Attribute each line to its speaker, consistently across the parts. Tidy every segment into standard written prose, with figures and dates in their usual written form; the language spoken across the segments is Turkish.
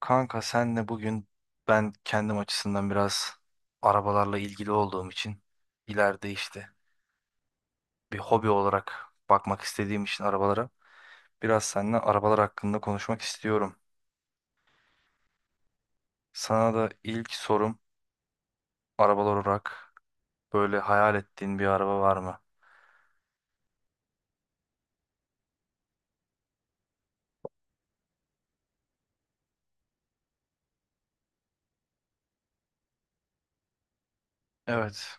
Speaker 1: Kanka senle bugün ben kendim açısından biraz arabalarla ilgili olduğum için ileride işte bir hobi olarak bakmak istediğim için arabalara biraz seninle arabalar hakkında konuşmak istiyorum. Sana da ilk sorum arabalar olarak böyle hayal ettiğin bir araba var mı? Evet,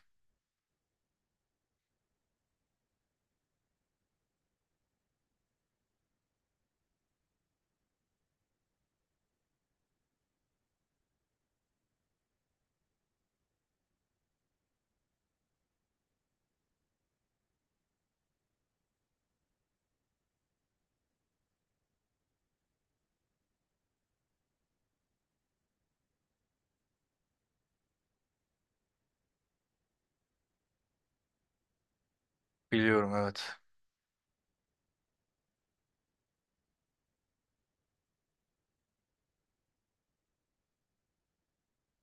Speaker 1: biliyorum evet.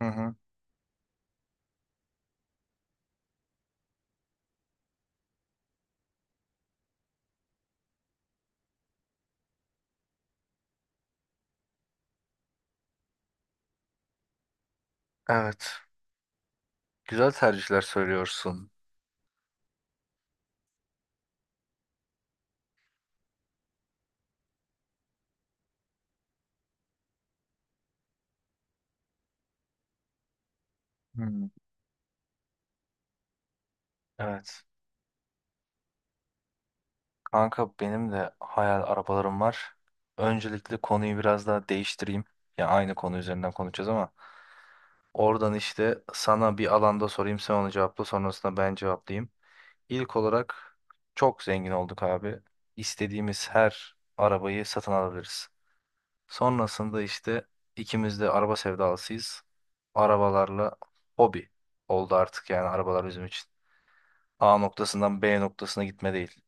Speaker 1: Hı hı. Evet, güzel tercihler söylüyorsun. Hı. Evet. Kanka benim de hayal arabalarım var. Öncelikle konuyu biraz daha değiştireyim. Ya aynı konu üzerinden konuşacağız ama oradan işte sana bir alanda sorayım sen onu cevapla sonrasında ben cevaplayayım. İlk olarak çok zengin olduk abi. İstediğimiz her arabayı satın alabiliriz. Sonrasında işte ikimiz de araba sevdalısıyız. Arabalarla hobi oldu artık yani arabalar bizim için. A noktasından B noktasına gitme değil.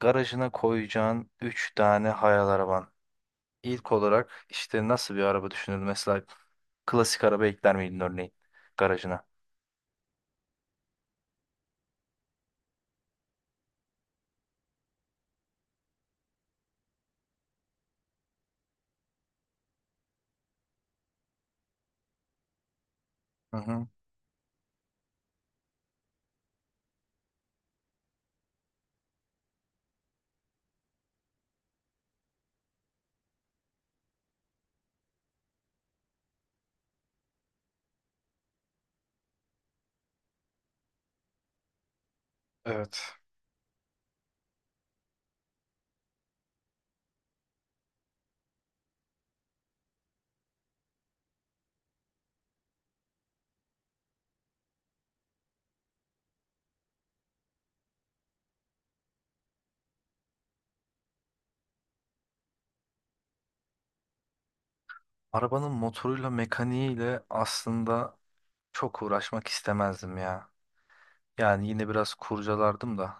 Speaker 1: Garajına koyacağın 3 tane hayal araban. İlk olarak işte nasıl bir araba düşünür? Mesela klasik araba ekler miydin örneğin garajına? Hı hı. Evet. Arabanın motoruyla mekaniğiyle aslında çok uğraşmak istemezdim ya. Yani yine biraz kurcalardım da.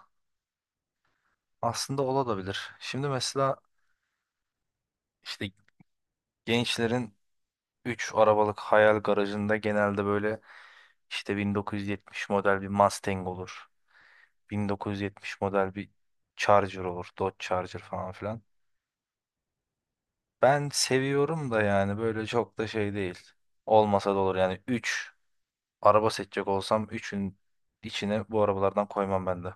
Speaker 1: Aslında olabilir. Şimdi mesela işte gençlerin 3 arabalık hayal garajında genelde böyle işte 1970 model bir Mustang olur. 1970 model bir Charger olur. Dodge Charger falan filan. Ben seviyorum da yani böyle çok da şey değil. Olmasa da olur yani 3 araba seçecek olsam üçün içine bu arabalardan koymam ben de.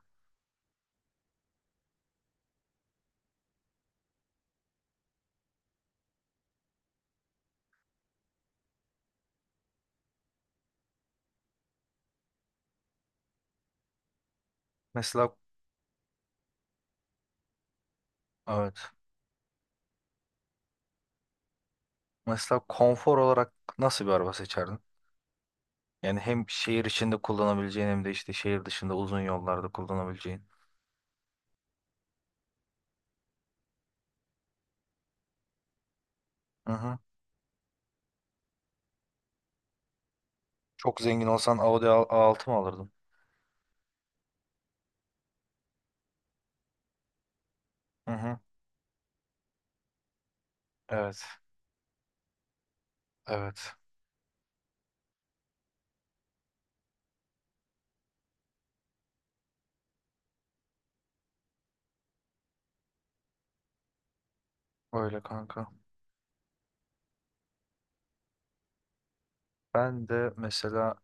Speaker 1: Mesela evet. Mesela konfor olarak nasıl bir araba seçerdin? Yani hem şehir içinde kullanabileceğin hem de işte şehir dışında uzun yollarda kullanabileceğin. Hı hı. Çok zengin olsan A6 mı alırdın? Hı hı. Evet. Evet. Öyle kanka. Ben de mesela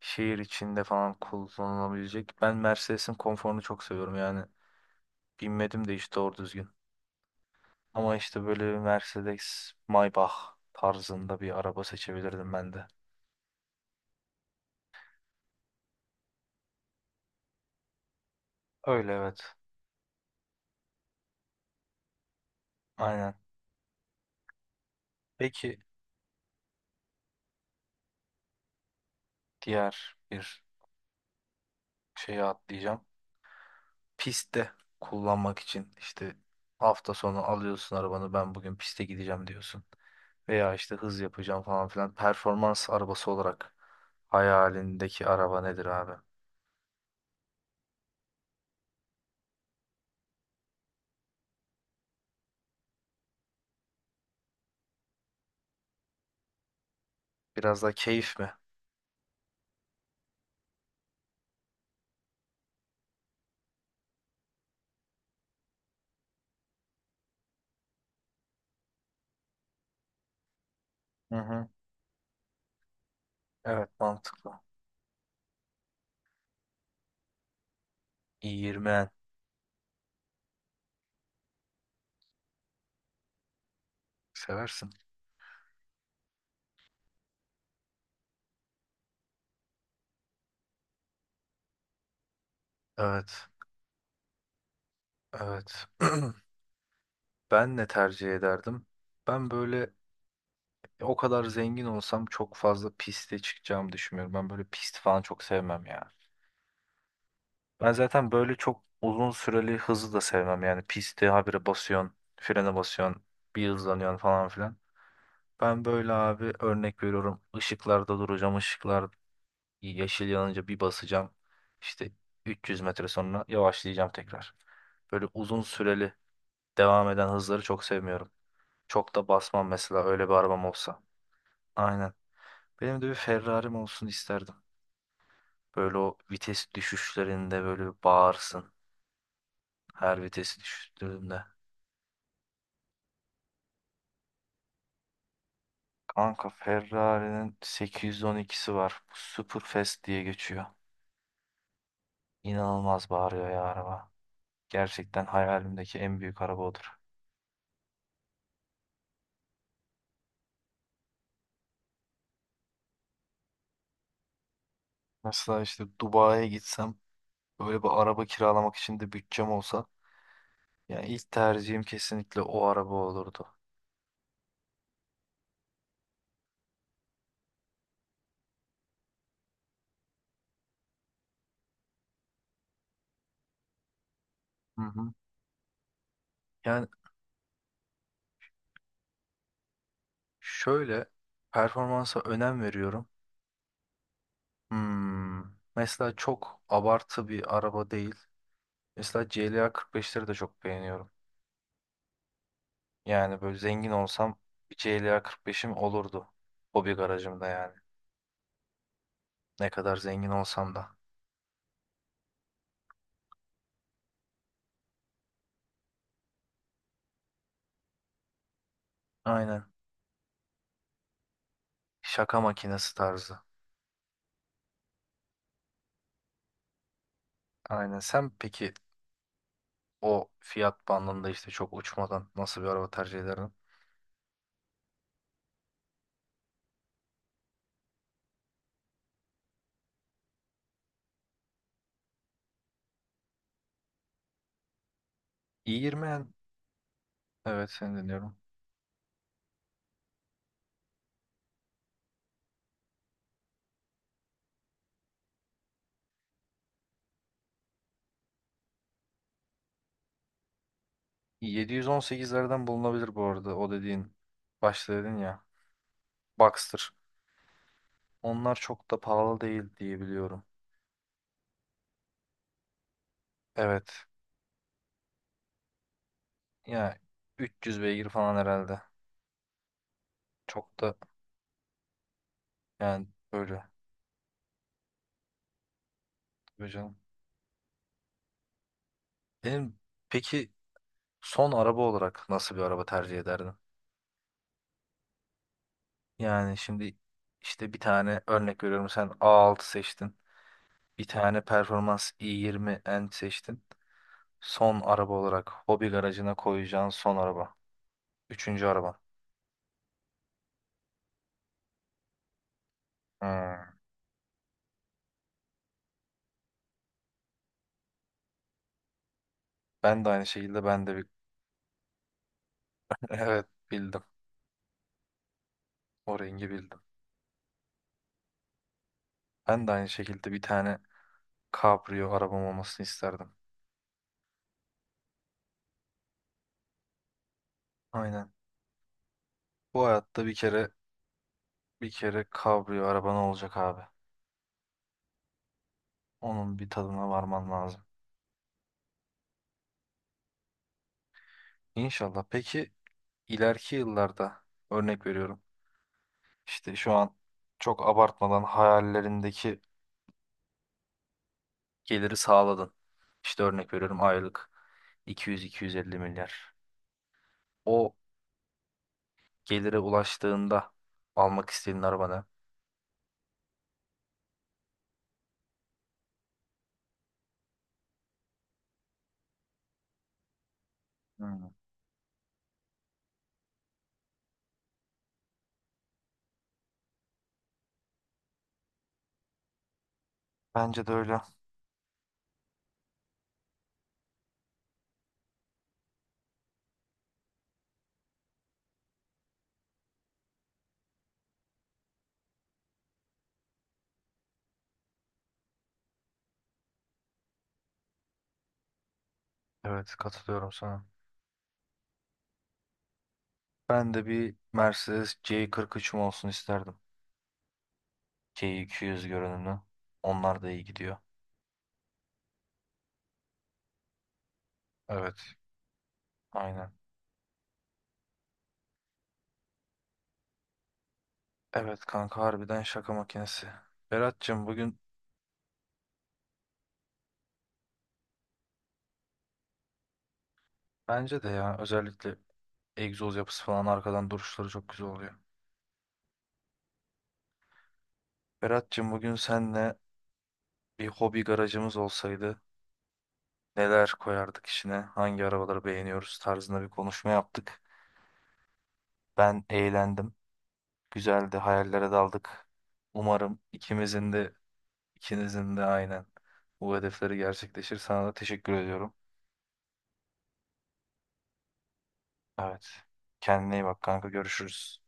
Speaker 1: şehir içinde falan kullanılabilecek. Ben Mercedes'in konforunu çok seviyorum yani. Binmedim de hiç doğru düzgün. Ama işte böyle bir Mercedes Maybach tarzında bir araba seçebilirdim ben de. Öyle evet. Aynen. Peki diğer bir şeye atlayacağım. Pistte kullanmak için işte hafta sonu alıyorsun arabanı ben bugün piste gideceğim diyorsun. Veya işte hız yapacağım falan filan. Performans arabası olarak hayalindeki araba nedir abi? Biraz da keyif mi? Hı hı. Evet mantıklı. İğirmeyen. Seversin. Evet. Evet. Ben ne tercih ederdim? Ben böyle o kadar zengin olsam çok fazla piste çıkacağımı düşünmüyorum. Ben böyle pist falan çok sevmem ya. Ben zaten böyle çok uzun süreli hızı da sevmem. Yani pisti habire basıyorsun, frene basıyorsun, bir hızlanıyorsun falan filan. Ben böyle abi örnek veriyorum. Işıklarda duracağım, ışıklarda yeşil yanınca bir basacağım. İşte 300 metre sonra yavaşlayacağım tekrar. Böyle uzun süreli devam eden hızları çok sevmiyorum. Çok da basmam mesela öyle bir arabam olsa. Aynen. Benim de bir Ferrari'm olsun isterdim. Böyle o vites düşüşlerinde böyle bir bağırsın. Her vites düştüğümde. Kanka Ferrari'nin 812'si var. Bu Superfast diye geçiyor. İnanılmaz bağırıyor ya araba. Gerçekten hayalimdeki en büyük araba odur. Mesela işte Dubai'ye gitsem böyle bir araba kiralamak için de bütçem olsa yani ilk tercihim kesinlikle o araba olurdu. Hı hı. Yani şöyle performansa önem veriyorum. Hmm, Mesela çok abartı bir araba değil. Mesela CLA 45'leri de çok beğeniyorum. Yani böyle zengin olsam bir CLA 45'im olurdu. Hobi garajımda yani. Ne kadar zengin olsam da. Aynen. Şaka makinesi tarzı. Aynen. Sen peki o fiyat bandında işte çok uçmadan nasıl bir araba tercih ederdin? i20 evet seni dinliyorum. 718'lerden bulunabilir bu arada o dediğin başta dedin ya Boxster. Onlar çok da pahalı değil diye biliyorum. Evet. Yani 300 beygir falan herhalde. Çok da yani böyle. Tabii canım. Benim peki son araba olarak nasıl bir araba tercih ederdin? Yani şimdi işte bir tane örnek veriyorum sen A6 seçtin. Bir tane Performans i20 N seçtin. Son araba olarak hobi garajına koyacağın son araba. Üçüncü araba. Hmm. Ben de aynı şekilde ben de bir... Evet bildim. O rengi bildim. Ben de aynı şekilde bir tane kabrio arabam olmasını isterdim. Aynen. Bu hayatta bir kere kabrio araban olacak abi. Onun bir tadına varman lazım. İnşallah. Peki ileriki yıllarda örnek veriyorum. İşte şu an çok abartmadan hayallerindeki geliri sağladın. İşte örnek veriyorum aylık 200-250 milyar. O gelire ulaştığında almak istediğin araba ne? Hmm. Bence de öyle. Evet katılıyorum sana. Ben de bir Mercedes C43'üm olsun isterdim. C200 görünümlü. Onlar da iyi gidiyor. Evet. Aynen. Evet kanka harbiden şaka makinesi. Berat'cığım bugün bence de ya özellikle egzoz yapısı falan arkadan duruşları çok güzel oluyor. Berat'cığım bugün senle bir hobi garajımız olsaydı neler koyardık içine, hangi arabaları beğeniyoruz tarzında bir konuşma yaptık. Ben eğlendim. Güzeldi. Hayallere daldık. Umarım ikimizin de ikinizin de aynen bu hedefleri gerçekleşir. Sana da teşekkür ediyorum. Evet. Kendine iyi bak kanka. Görüşürüz.